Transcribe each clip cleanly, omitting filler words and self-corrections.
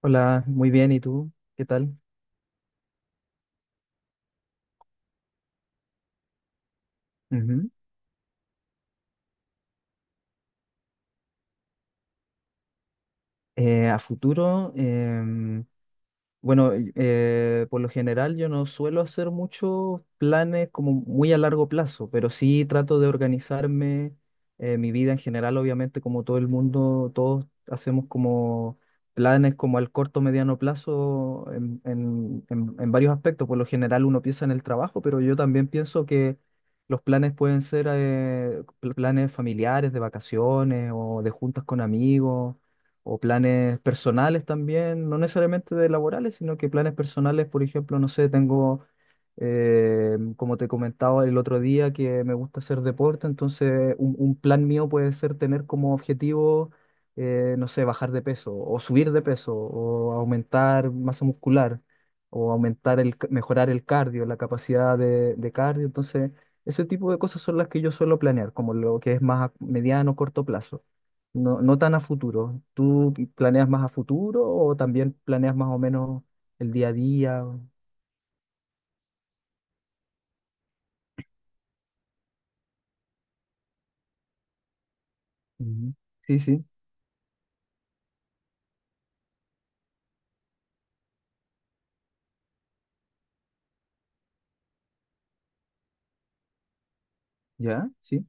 Hola, muy bien, ¿y tú? ¿Qué tal? Ujú. A futuro, bueno, por lo general yo no suelo hacer muchos planes como muy a largo plazo, pero sí trato de organizarme mi vida en general, obviamente como todo el mundo, todos hacemos como planes como al corto, mediano plazo en varios aspectos. Por lo general uno piensa en el trabajo, pero yo también pienso que los planes pueden ser planes familiares, de vacaciones o de juntas con amigos o planes personales también, no necesariamente de laborales, sino que planes personales, por ejemplo, no sé, tengo, como te comentaba el otro día, que me gusta hacer deporte, entonces un plan mío puede ser tener como objetivo, no sé, bajar de peso o subir de peso o aumentar masa muscular o aumentar mejorar el cardio, la capacidad de cardio, entonces ese tipo de cosas son las que yo suelo planear, como lo que es más a mediano corto plazo. No, no tan a futuro. ¿Tú planeas más a futuro o también planeas más o menos el día a día? Ujú. Sí, sí, ya, sí,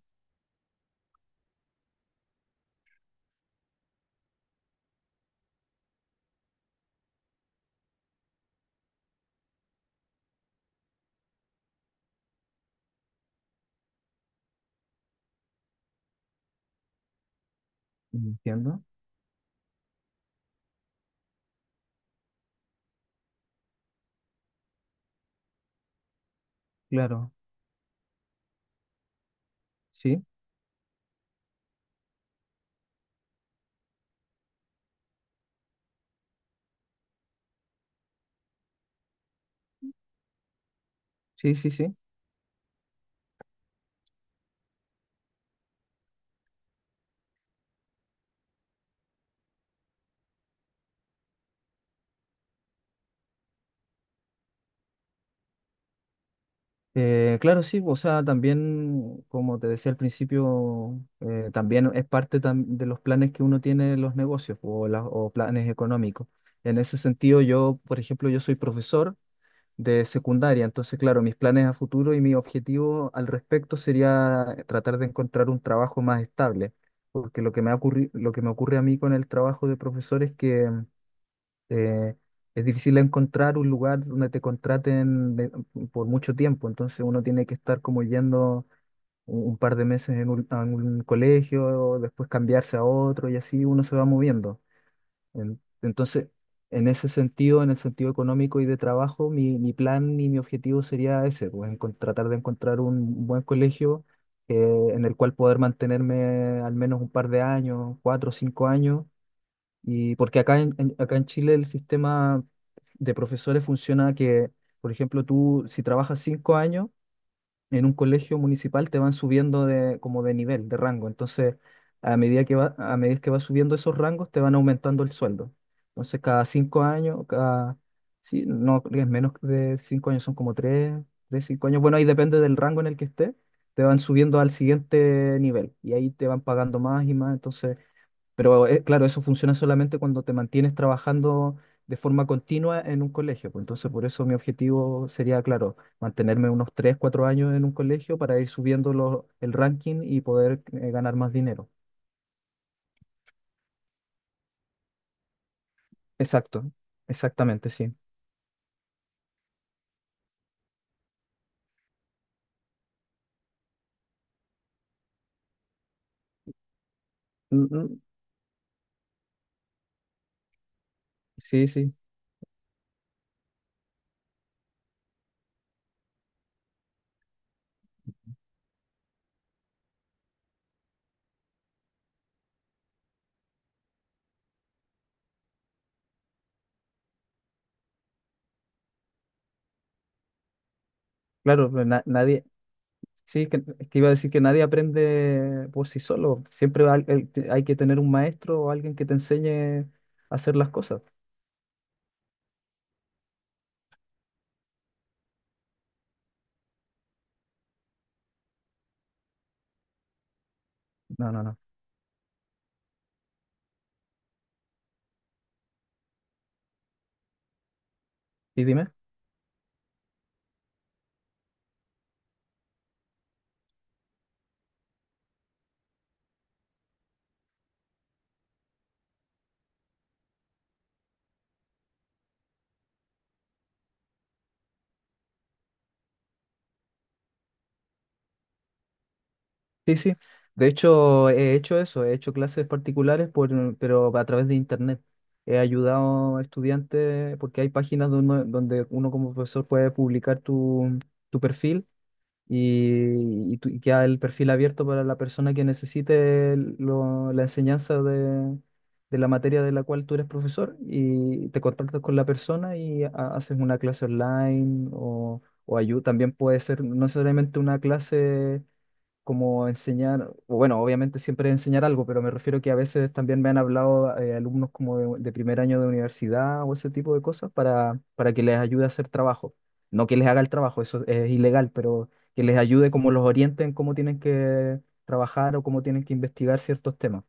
entiendo. Claro, sí, sí, sí, sí. Claro, sí, o sea, también, como te decía al principio, también es parte de los planes que uno tiene en los negocios o, o planes económicos. En ese sentido, yo, por ejemplo, yo soy profesor de secundaria. Entonces, claro, mis planes a futuro y mi objetivo al respecto sería tratar de encontrar un trabajo más estable, porque lo que me ha lo que me ocurre a mí con el trabajo de profesor es que eh, es difícil encontrar un lugar donde te contraten por mucho tiempo, entonces uno tiene que estar como yendo un par de meses en un, a un colegio, después cambiarse a otro y así uno se va moviendo. Entonces, en ese sentido, en el sentido económico y de trabajo, mi plan y mi objetivo sería ese, pues tratar de encontrar un buen colegio en el cual poder mantenerme al menos un par de años, cuatro o cinco años, y porque acá en Chile el sistema de profesores funciona que, por ejemplo, tú si trabajas cinco años en un colegio municipal te van subiendo de, como de nivel, de rango. Entonces, a medida que va, a medida que vas subiendo esos rangos, te van aumentando el sueldo. Entonces, cada cinco años, cada, sí, no, es menos de cinco años, son como tres, tres, cinco años. Bueno, ahí depende del rango en el que estés, te van subiendo al siguiente nivel y ahí te van pagando más y más. Entonces, pero claro, eso funciona solamente cuando te mantienes trabajando de forma continua en un colegio, pues. Entonces, por eso mi objetivo sería, claro, mantenerme unos 3 4 años en un colegio para ir subiendo el ranking y poder ganar más dinero. Exacto, exactamente, sí. Mm, mm, sí, sí, claro, pero nadie, sí, es que iba a decir que nadie aprende por sí solo. Siempre hay que tener un maestro o alguien que te enseñe a hacer las cosas. No, no, no. ¿Y dime? Sí, sí. De hecho, he hecho eso, he hecho clases particulares, por, pero a través de internet. He ayudado a estudiantes porque hay páginas donde uno como profesor puede publicar tu, tu perfil y y queda el perfil abierto para la persona que necesite la enseñanza de la materia de la cual tú eres profesor y te contactas con la persona y haces una clase online o también puede ser no necesariamente una clase como enseñar, o bueno, obviamente siempre enseñar algo, pero me refiero que a veces también me han hablado alumnos como de primer año de universidad o ese tipo de cosas para que les ayude a hacer trabajo. No que les haga el trabajo, eso es ilegal, pero que les ayude como los orienten en cómo tienen que trabajar o cómo tienen que investigar ciertos temas.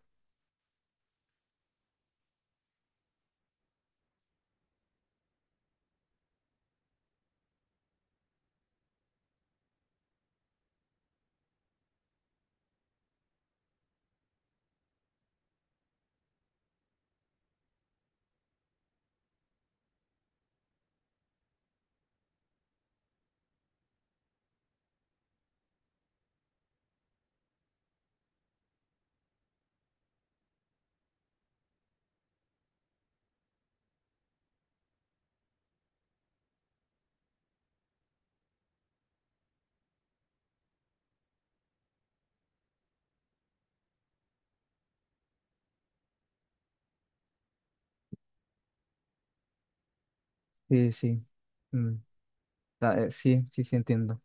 Sí, sí. Mm, sí, sí, sí, entiendo.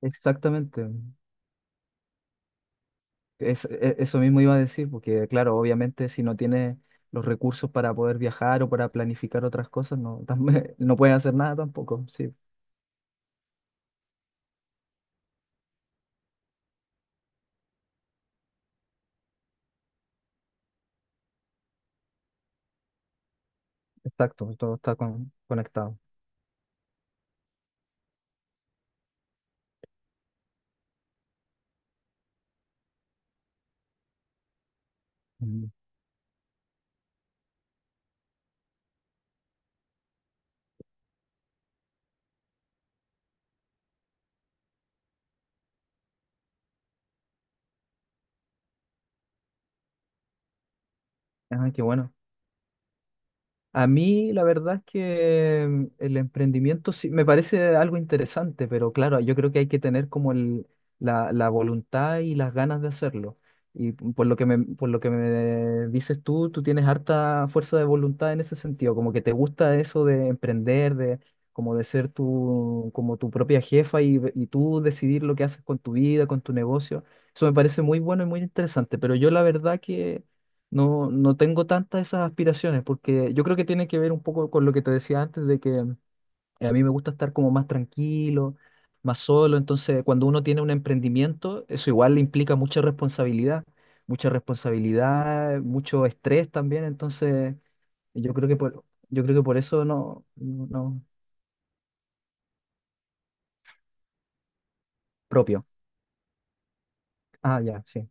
Exactamente. Eso mismo iba a decir, porque claro, obviamente si no tienes los recursos para poder viajar o para planificar otras cosas, no, también, no puedes hacer nada tampoco. Sí, exacto, todo está conectado. Mm. Ah, qué bueno. A mí la verdad es que mm, el emprendimiento sí me parece algo interesante, pero claro, yo creo que hay que tener como la, la voluntad y las ganas de hacerlo. Y por lo que me, por lo que me dices tú, tú tienes harta fuerza de voluntad en ese sentido, como que te gusta eso de emprender, de como de ser tu, como tu propia jefa y tú decidir lo que haces con tu vida, con tu negocio. Eso me parece muy bueno y muy interesante, pero yo la verdad que no, no tengo tantas esas aspiraciones, porque yo creo que tiene que ver un poco con lo que te decía antes, de que a mí me gusta estar como más tranquilo, más solo, entonces cuando uno tiene un emprendimiento, eso igual le implica mucha responsabilidad, mucho estrés también, entonces yo creo que por, yo creo que por eso no, no, no, propio. Ah, ya, sí,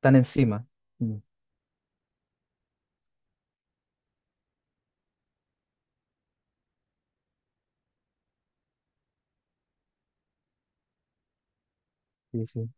tan encima. Mm, sí, sí.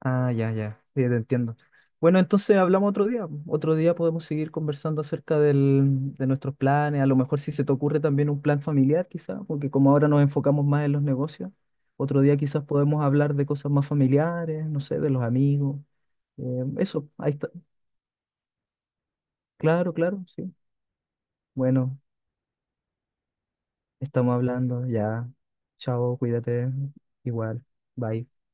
Ah, ya, ya, sí, te entiendo. Bueno, entonces hablamos otro día. Otro día podemos seguir conversando acerca de nuestros planes. A lo mejor si se te ocurre también un plan familiar, quizás, porque como ahora nos enfocamos más en los negocios, otro día quizás podemos hablar de cosas más familiares, no sé, de los amigos. Eso, ahí está. Claro, claro, sí. Bueno, estamos hablando ya. Chao, cuídate. Igual. Bye.